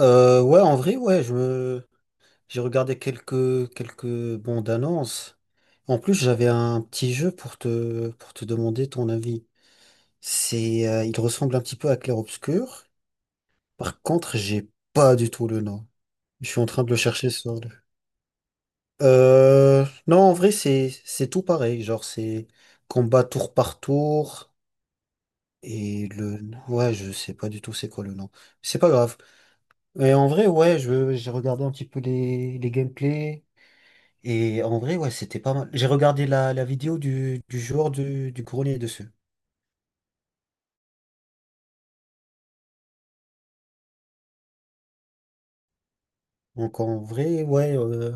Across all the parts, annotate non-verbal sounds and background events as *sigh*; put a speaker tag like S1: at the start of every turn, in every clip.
S1: Ouais, en vrai, ouais, j'ai regardé quelques bandes annonces. En plus, j'avais un petit jeu pour te demander ton avis. Il ressemble un petit peu à Clair Obscur. Par contre, j'ai pas du tout le nom. Je suis en train de le chercher sur le. Non, en vrai, c'est tout pareil. Genre, c'est combat tour par tour. Et le, ouais, je sais pas du tout c'est quoi le nom. C'est pas grave. Mais en vrai, ouais, je j'ai regardé un petit peu les gameplays. Et en vrai, ouais, c'était pas mal. J'ai regardé la vidéo du joueur du grenier dessus. Donc en vrai,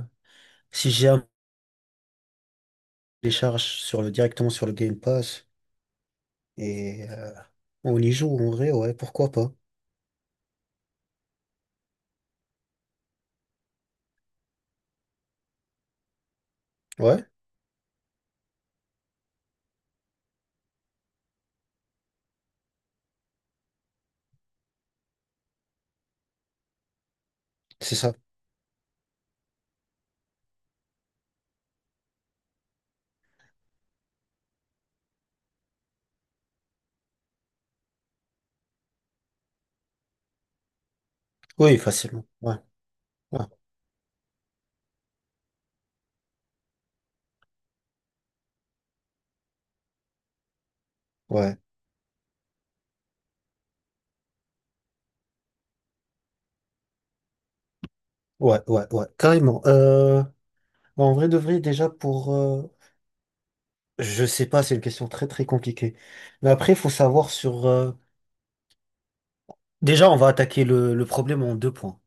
S1: si j'ai un télécharge directement sur le Game Pass et on y joue en vrai, ouais, pourquoi pas. Ouais, c'est ça. Oui, facilement. Ouais, ouais, ouais, ouais, ouais, ouais, carrément. En vrai de vrai, déjà pour. Je sais pas, c'est une question très très compliquée. Mais après, il faut savoir sur. Déjà, on va attaquer le problème en deux points.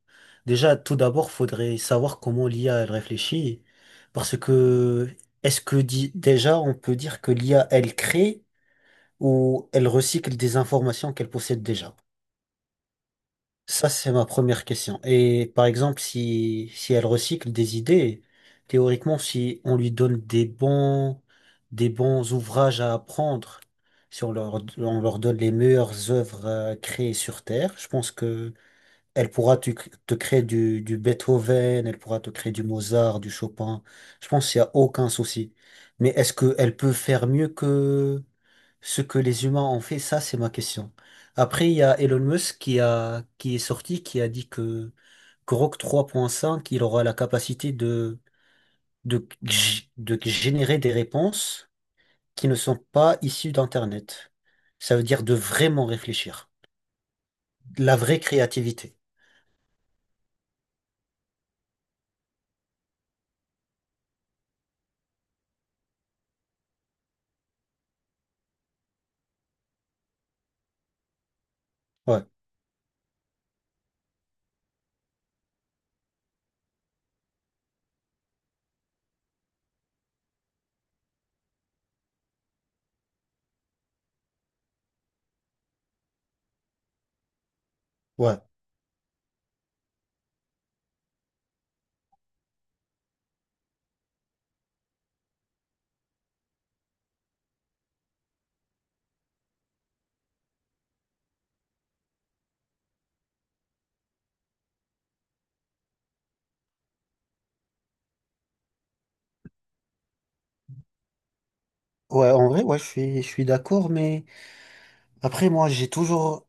S1: Déjà, tout d'abord, faudrait savoir comment l'IA elle réfléchit, parce que déjà on peut dire que l'IA elle crée ou elle recycle des informations qu'elle possède déjà? Ça, c'est ma première question. Et par exemple, si elle recycle des idées, théoriquement, si on lui donne des bons ouvrages à apprendre, si on leur on leur donne les meilleures œuvres créées sur Terre, je pense que elle pourra te créer du Beethoven, elle pourra te créer du Mozart, du Chopin. Je pense qu'il n'y a aucun souci. Mais est-ce qu'elle peut faire mieux que ce que les humains ont fait? Ça, c'est ma question. Après, il y a Elon Musk qui est sorti, qui a dit que Grok 3,5, il aura la capacité de générer des réponses qui ne sont pas issues d'Internet. Ça veut dire de vraiment réfléchir. La vraie créativité. Ouais, ouais. Ouais, en vrai, ouais, je suis d'accord, mais après, moi, j'ai toujours,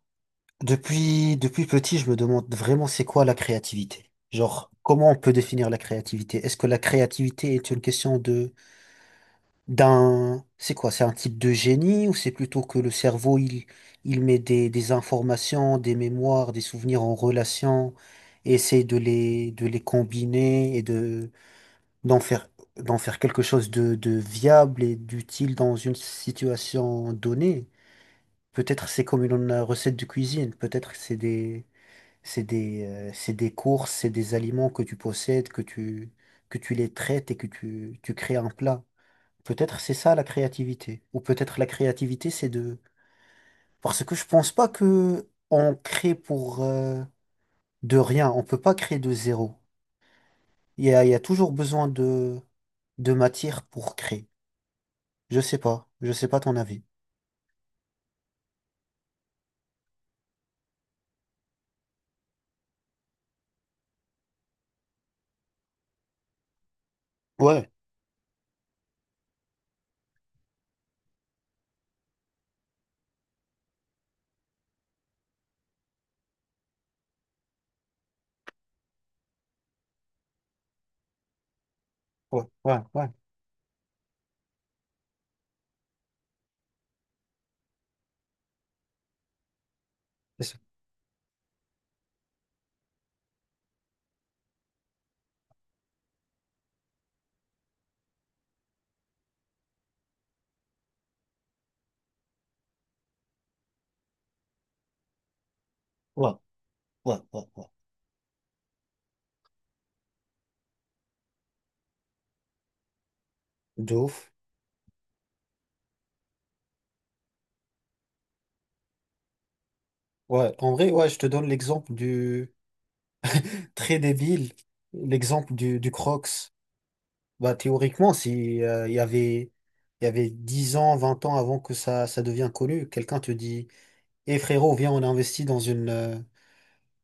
S1: depuis petit, je me demande vraiment c'est quoi la créativité. Genre, comment on peut définir la créativité? Est-ce que la créativité est une question c'est quoi? C'est un type de génie ou c'est plutôt que il met des informations, des mémoires, des souvenirs en relation et essaie de les combiner d'en faire, d'en faire quelque chose de viable et d'utile dans une situation donnée? Peut-être c'est comme une recette de cuisine, peut-être c'est des, c'est des, c'est des courses, c'est des aliments que tu les traites et que tu crées un plat. Peut-être c'est ça la créativité. Ou peut-être la créativité c'est de… Parce que je pense pas que on crée pour de rien, on peut pas créer de zéro. Il y a toujours besoin de matière pour créer. Je sais pas ton avis. Ouais, ouais, ouais, ouais, c'est ça. Ouais, ouais, ouais, ouais. De ouf. Ouais, en vrai, ouais, je te donne l'exemple du très débile, l'exemple du Crocs. Bah, théoriquement, si il y avait, il y avait 10 ans, 20 ans avant que ça devienne connu, quelqu'un te dit, eh frérot, viens, on investit dans une, euh,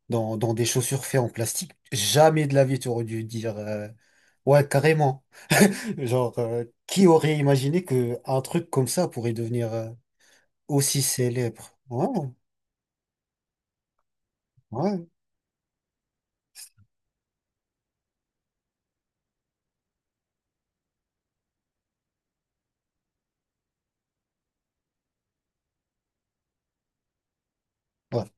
S1: dans, dans des chaussures faites en plastique. Jamais de la vie, tu aurais dû dire, ouais, carrément. *laughs* Genre, qui aurait imaginé que un truc comme ça pourrait devenir aussi célèbre? Ouais, ouais, ouais,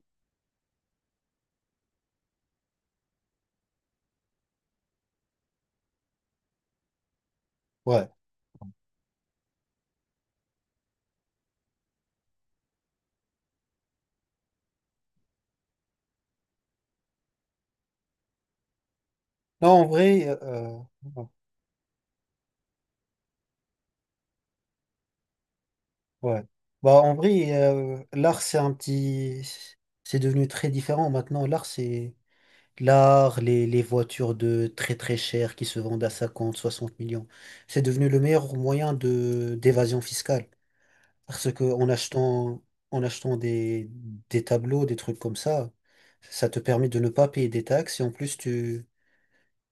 S1: ouais. Non, en vrai, ouais. Ouais. L'art, c'est un petit. C'est devenu très différent maintenant. L'art, c'est. L'art, les voitures de très très chères qui se vendent à 50 60 millions. C'est devenu le meilleur moyen de d'évasion fiscale. Parce que en achetant des tableaux, des trucs comme ça te permet de ne pas payer des taxes. Et en plus, tu,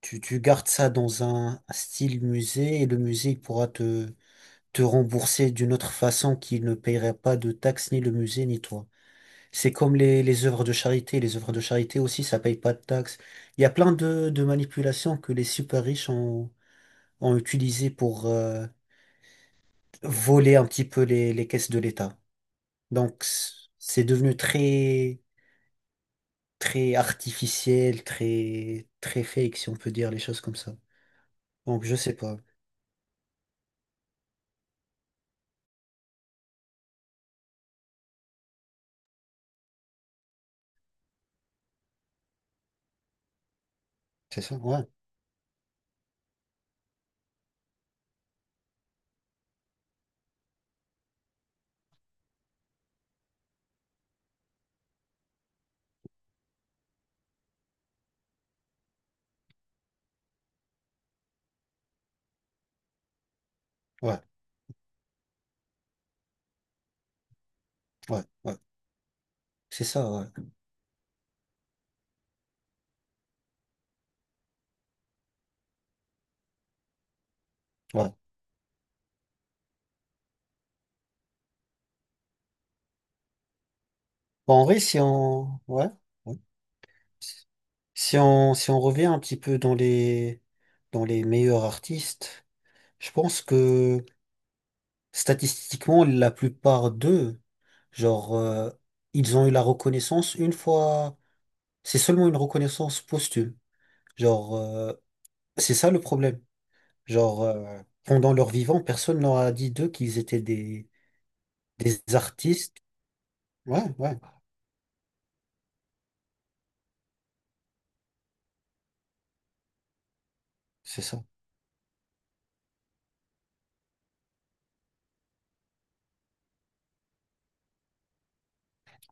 S1: tu, tu gardes ça dans un style musée et le musée, il pourra te rembourser d'une autre façon qui ne paierait pas de taxes, ni le musée, ni toi. C'est comme les œuvres de charité. Les œuvres de charité aussi, ça paye pas de taxes. Il y a plein de manipulations que les super riches ont utilisées pour voler un petit peu les caisses de l'État. Donc, c- c'est devenu très artificiel, très fake, si on peut dire les choses comme ça. Donc, je sais pas. C'est ça? Ouais, ouais, ouais, ouais. C'est ça, ouais. Ouais. Bon, en vrai, si on… Ouais. Ouais. Si on revient un petit peu dans dans les meilleurs artistes, je pense que statistiquement, la plupart d'eux, genre, ils ont eu la reconnaissance une fois. C'est seulement une reconnaissance posthume. Genre, c'est ça le problème. Genre, pendant leur vivant, personne leur a dit d'eux qu'ils étaient des artistes. Ouais, ouais, c'est ça.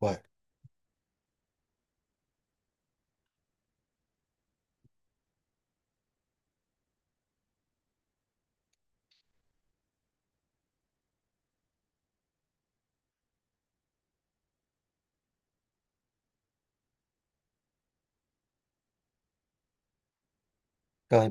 S1: Ouais, carrément.